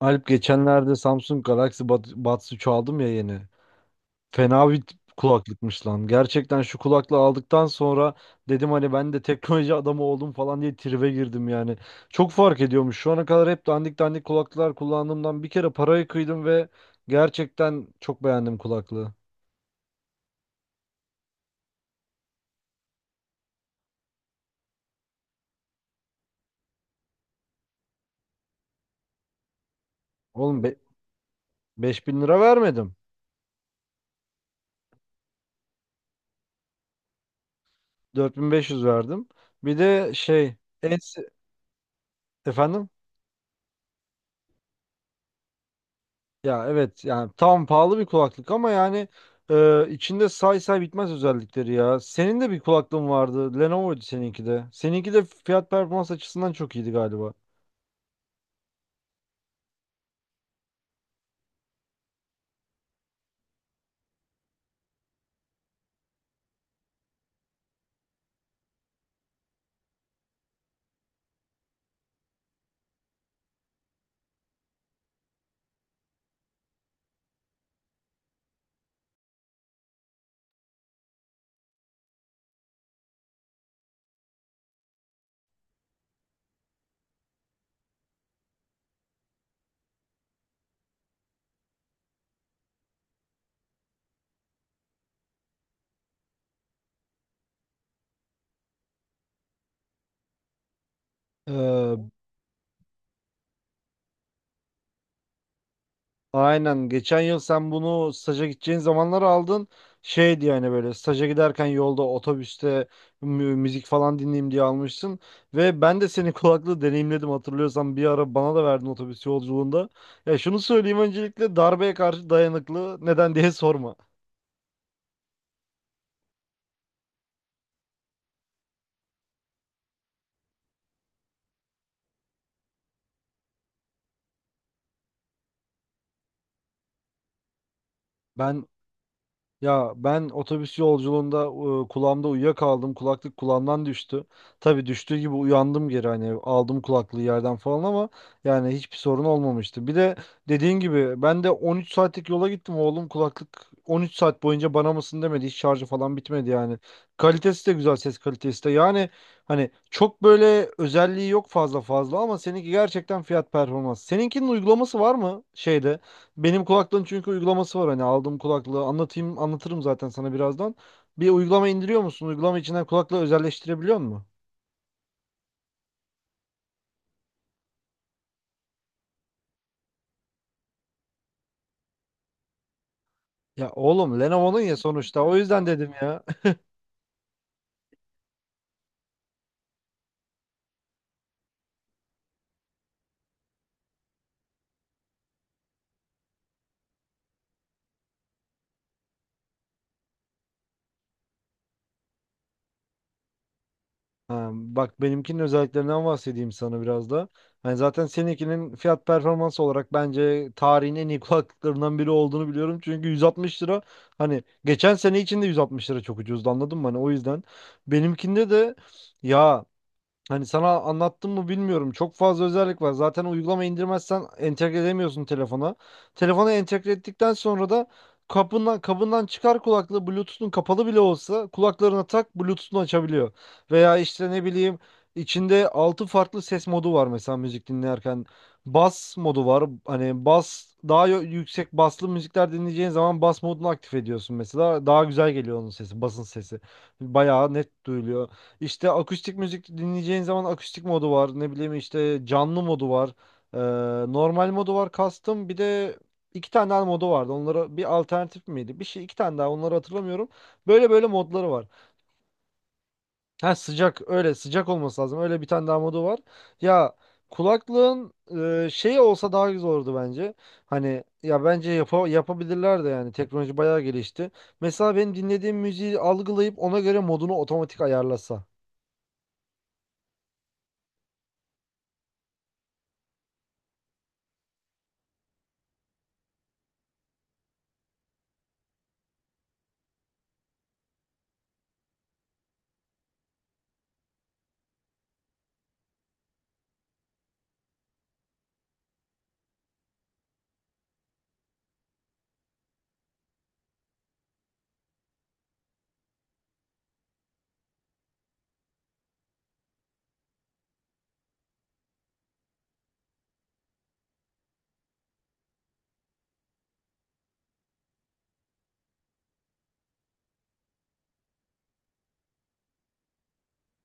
Alp, geçenlerde Samsung Galaxy Buds 3 aldım ya yeni. Fena bir kulaklıkmış lan. Gerçekten şu kulaklığı aldıktan sonra dedim hani ben de teknoloji adamı oldum falan diye tribe girdim yani. Çok fark ediyormuş. Şu ana kadar hep dandik dandik kulaklıklar kullandığımdan bir kere parayı kıydım ve gerçekten çok beğendim kulaklığı. Oğlum, 5.000 lira vermedim. 4.500 verdim. Bir de şey, en se- efendim? Ya evet, yani tam pahalı bir kulaklık ama yani, içinde say say bitmez özellikleri ya. Senin de bir kulaklığın vardı. Lenovo'ydu seninki de. Seninki de fiyat performans açısından çok iyiydi galiba. E, aynen geçen yıl sen bunu staja gideceğin zamanlar aldın. Şeydi yani, böyle staja giderken yolda otobüste müzik falan dinleyeyim diye almışsın. Ve ben de senin kulaklığı deneyimledim, hatırlıyorsan bir ara bana da verdin otobüs yolculuğunda. Ya şunu söyleyeyim, öncelikle darbeye karşı dayanıklı, neden diye sorma. Ben Ya ben otobüs yolculuğunda, kulağımda uyuyakaldım. Kulaklık kulağımdan düştü. Tabii düştüğü gibi uyandım, geri hani aldım kulaklığı yerden falan ama yani hiçbir sorun olmamıştı. Bir de dediğin gibi ben de 13 saatlik yola gittim oğlum, kulaklık 13 saat boyunca bana mısın demedi. Hiç şarjı falan bitmedi yani. Kalitesi de güzel, ses kalitesi de. Yani hani çok böyle özelliği yok fazla fazla ama seninki gerçekten fiyat performans. Seninkinin uygulaması var mı şeyde? Benim kulaklığın çünkü uygulaması var, hani aldığım kulaklığı anlatayım, anlatırım zaten sana birazdan. Bir uygulama indiriyor musun? Uygulama içinden kulaklığı özelleştirebiliyor musun? Ya oğlum Lenovo'nun ya sonuçta, o yüzden dedim ya. Ha, bak benimkinin özelliklerinden bahsedeyim sana biraz da. Hani zaten seninkinin fiyat performans olarak bence tarihin en iyi kulaklıklarından biri olduğunu biliyorum. Çünkü 160 lira, hani geçen sene içinde 160 lira çok ucuzdu, anladın mı? Hani o yüzden benimkinde de, ya, hani sana anlattım mı bilmiyorum. Çok fazla özellik var. Zaten uygulama indirmezsen entegre edemiyorsun telefona. Telefona entegre ettikten sonra da kapından kabından çıkar kulaklığı, Bluetooth'un kapalı bile olsa kulaklarına tak, Bluetooth'unu açabiliyor. Veya işte ne bileyim, içinde 6 farklı ses modu var mesela müzik dinlerken. Bas modu var. Hani bas daha yüksek baslı müzikler dinleyeceğin zaman bas modunu aktif ediyorsun mesela. Daha güzel geliyor onun sesi, basın sesi. Bayağı net duyuluyor. İşte akustik müzik dinleyeceğin zaman akustik modu var. Ne bileyim işte, canlı modu var. Ee, Normal modu var, custom. Bir de iki tane daha modu vardı. Onlara bir alternatif miydi? Bir şey iki tane daha, onları hatırlamıyorum. Böyle böyle modları var. Ha sıcak, öyle sıcak olması lazım. Öyle bir tane daha modu var. Ya kulaklığın, şeyi olsa daha güzel olurdu bence. Hani ya bence yapabilirler de, yani teknoloji bayağı gelişti. Mesela benim dinlediğim müziği algılayıp ona göre modunu otomatik ayarlasa.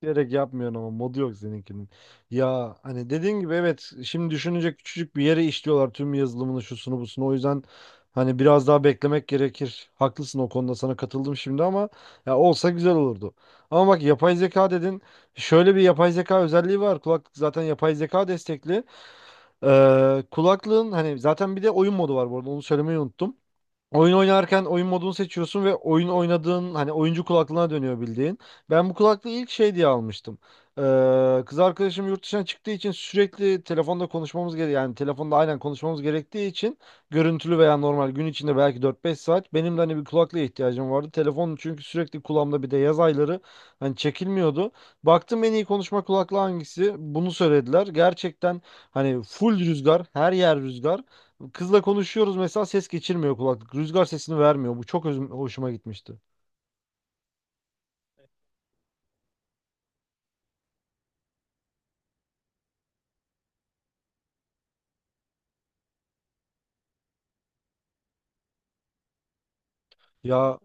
Gerek yapmıyorsun ama, modu yok seninkinin. Ya hani dediğin gibi evet, şimdi düşününce küçücük bir yere işliyorlar tüm yazılımını, şusunu busunu. O yüzden hani biraz daha beklemek gerekir. Haklısın o konuda, sana katıldım şimdi ama ya olsa güzel olurdu. Ama bak yapay zeka dedin. Şöyle bir yapay zeka özelliği var. Kulaklık zaten yapay zeka destekli. Kulaklığın hani zaten bir de oyun modu var bu arada, onu söylemeyi unuttum. Oyun oynarken oyun modunu seçiyorsun ve oyun oynadığın hani oyuncu kulaklığına dönüyor bildiğin. Ben bu kulaklığı ilk şey diye almıştım. Kız arkadaşım yurt dışına çıktığı için sürekli telefonda konuşmamız gerekiyor. Yani telefonda aynen konuşmamız gerektiği için, görüntülü veya normal, gün içinde belki 4-5 saat benim de hani bir kulaklığa ihtiyacım vardı. Telefon çünkü sürekli kulağımda, bir de yaz ayları hani çekilmiyordu. Baktım en iyi konuşma kulaklığı hangisi? Bunu söylediler. Gerçekten hani full rüzgar, her yer rüzgar. Kızla konuşuyoruz mesela, ses geçirmiyor kulaklık. Rüzgar sesini vermiyor. Bu çok hoşuma gitmişti. Ya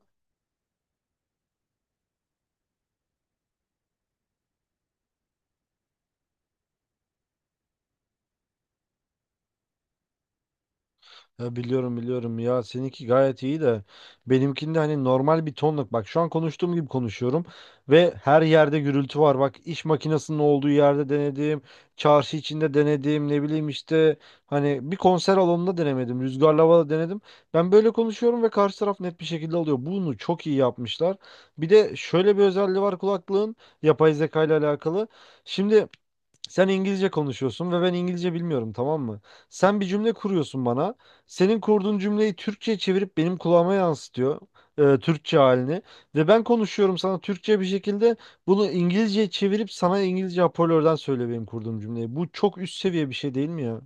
Ya biliyorum biliyorum ya, seninki gayet iyi de benimkinde hani normal bir tonluk, bak şu an konuştuğum gibi konuşuyorum ve her yerde gürültü var, bak iş makinesinin olduğu yerde denedim, çarşı içinde denedim, ne bileyim işte, hani bir konser alanında denemedim, rüzgarlı havada denedim, ben böyle konuşuyorum ve karşı taraf net bir şekilde alıyor, bunu çok iyi yapmışlar. Bir de şöyle bir özelliği var kulaklığın, yapay zeka ile alakalı. Şimdi sen İngilizce konuşuyorsun ve ben İngilizce bilmiyorum, tamam mı? Sen bir cümle kuruyorsun bana. Senin kurduğun cümleyi Türkçe'ye çevirip benim kulağıma yansıtıyor. Türkçe halini. Ve ben konuşuyorum sana Türkçe bir şekilde, bunu İngilizce'ye çevirip sana İngilizce hoparlörden söylüyor benim kurduğum cümleyi. Bu çok üst seviye bir şey değil mi ya?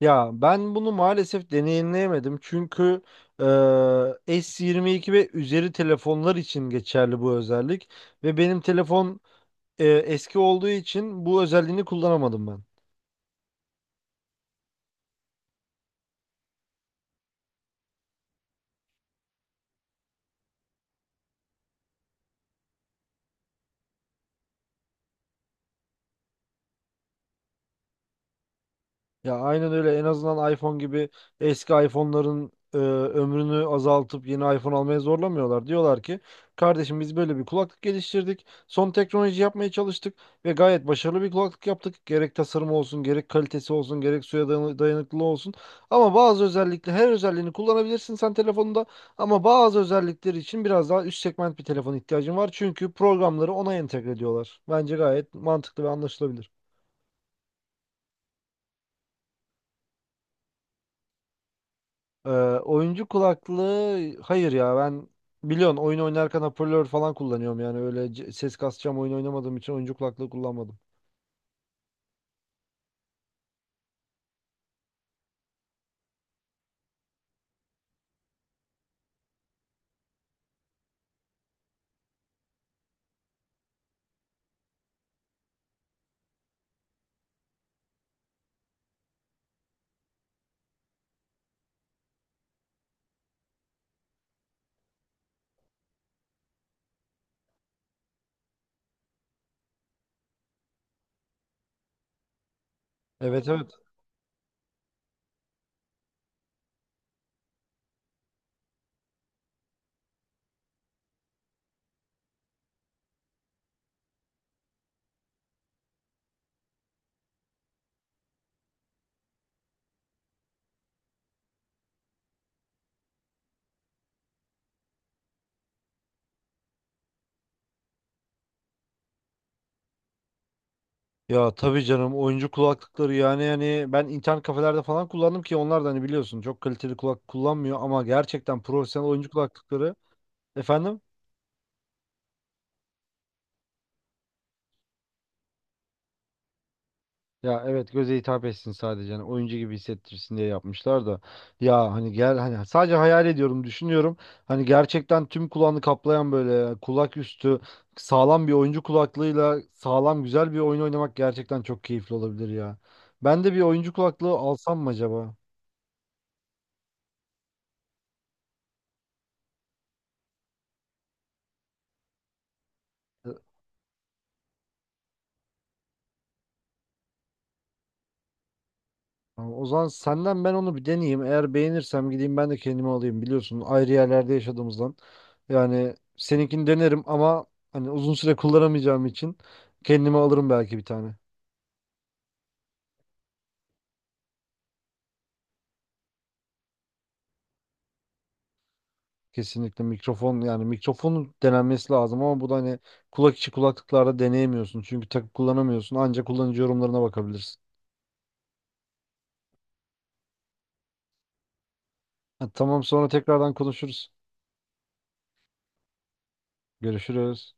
Ya ben bunu maalesef deneyimleyemedim. Çünkü e, S22 ve üzeri telefonlar için geçerli bu özellik. Ve benim telefon eski olduğu için bu özelliğini kullanamadım ben. Ya aynen öyle, en azından iPhone gibi eski iPhone'ların ömrünü azaltıp yeni iPhone almaya zorlamıyorlar. Diyorlar ki kardeşim, biz böyle bir kulaklık geliştirdik. Son teknoloji yapmaya çalıştık ve gayet başarılı bir kulaklık yaptık. Gerek tasarımı olsun, gerek kalitesi olsun, gerek suya dayanıklılığı olsun. Ama bazı özellikle, her özelliğini kullanabilirsin sen telefonunda ama bazı özellikleri için biraz daha üst segment bir telefon ihtiyacın var. Çünkü programları ona entegre ediyorlar. Bence gayet mantıklı ve anlaşılabilir. Ee, Oyuncu kulaklığı hayır ya, ben biliyorsun oyun oynarken hoparlör falan kullanıyorum, yani öyle ses kasacağım oyun oynamadığım için oyuncu kulaklığı kullanmadım. Evet, evet. Ya tabii canım, oyuncu kulaklıkları yani ben internet kafelerde falan kullandım, ki onlar da hani biliyorsun çok kaliteli kulak kullanmıyor ama gerçekten profesyonel oyuncu kulaklıkları. Efendim? Ya evet, göze hitap etsin sadece hani, oyuncu gibi hissettirsin diye yapmışlar da ya hani, gel hani, sadece hayal ediyorum, düşünüyorum hani, gerçekten tüm kulağını kaplayan böyle kulak üstü sağlam bir oyuncu kulaklığıyla sağlam güzel bir oyun oynamak gerçekten çok keyifli olabilir ya. Ben de bir oyuncu kulaklığı alsam mı acaba? Tamam, o zaman senden ben onu bir deneyeyim. Eğer beğenirsem gideyim ben de kendimi alayım. Biliyorsun ayrı yerlerde yaşadığımızdan. Yani seninkini denerim ama hani uzun süre kullanamayacağım için kendime alırım belki bir tane. Kesinlikle mikrofon, yani mikrofonun denenmesi lazım ama bu da hani kulak içi kulaklıklarda deneyemiyorsun. Çünkü takıp kullanamıyorsun. Ancak kullanıcı yorumlarına bakabilirsin. Ha, tamam, sonra tekrardan konuşuruz. Görüşürüz.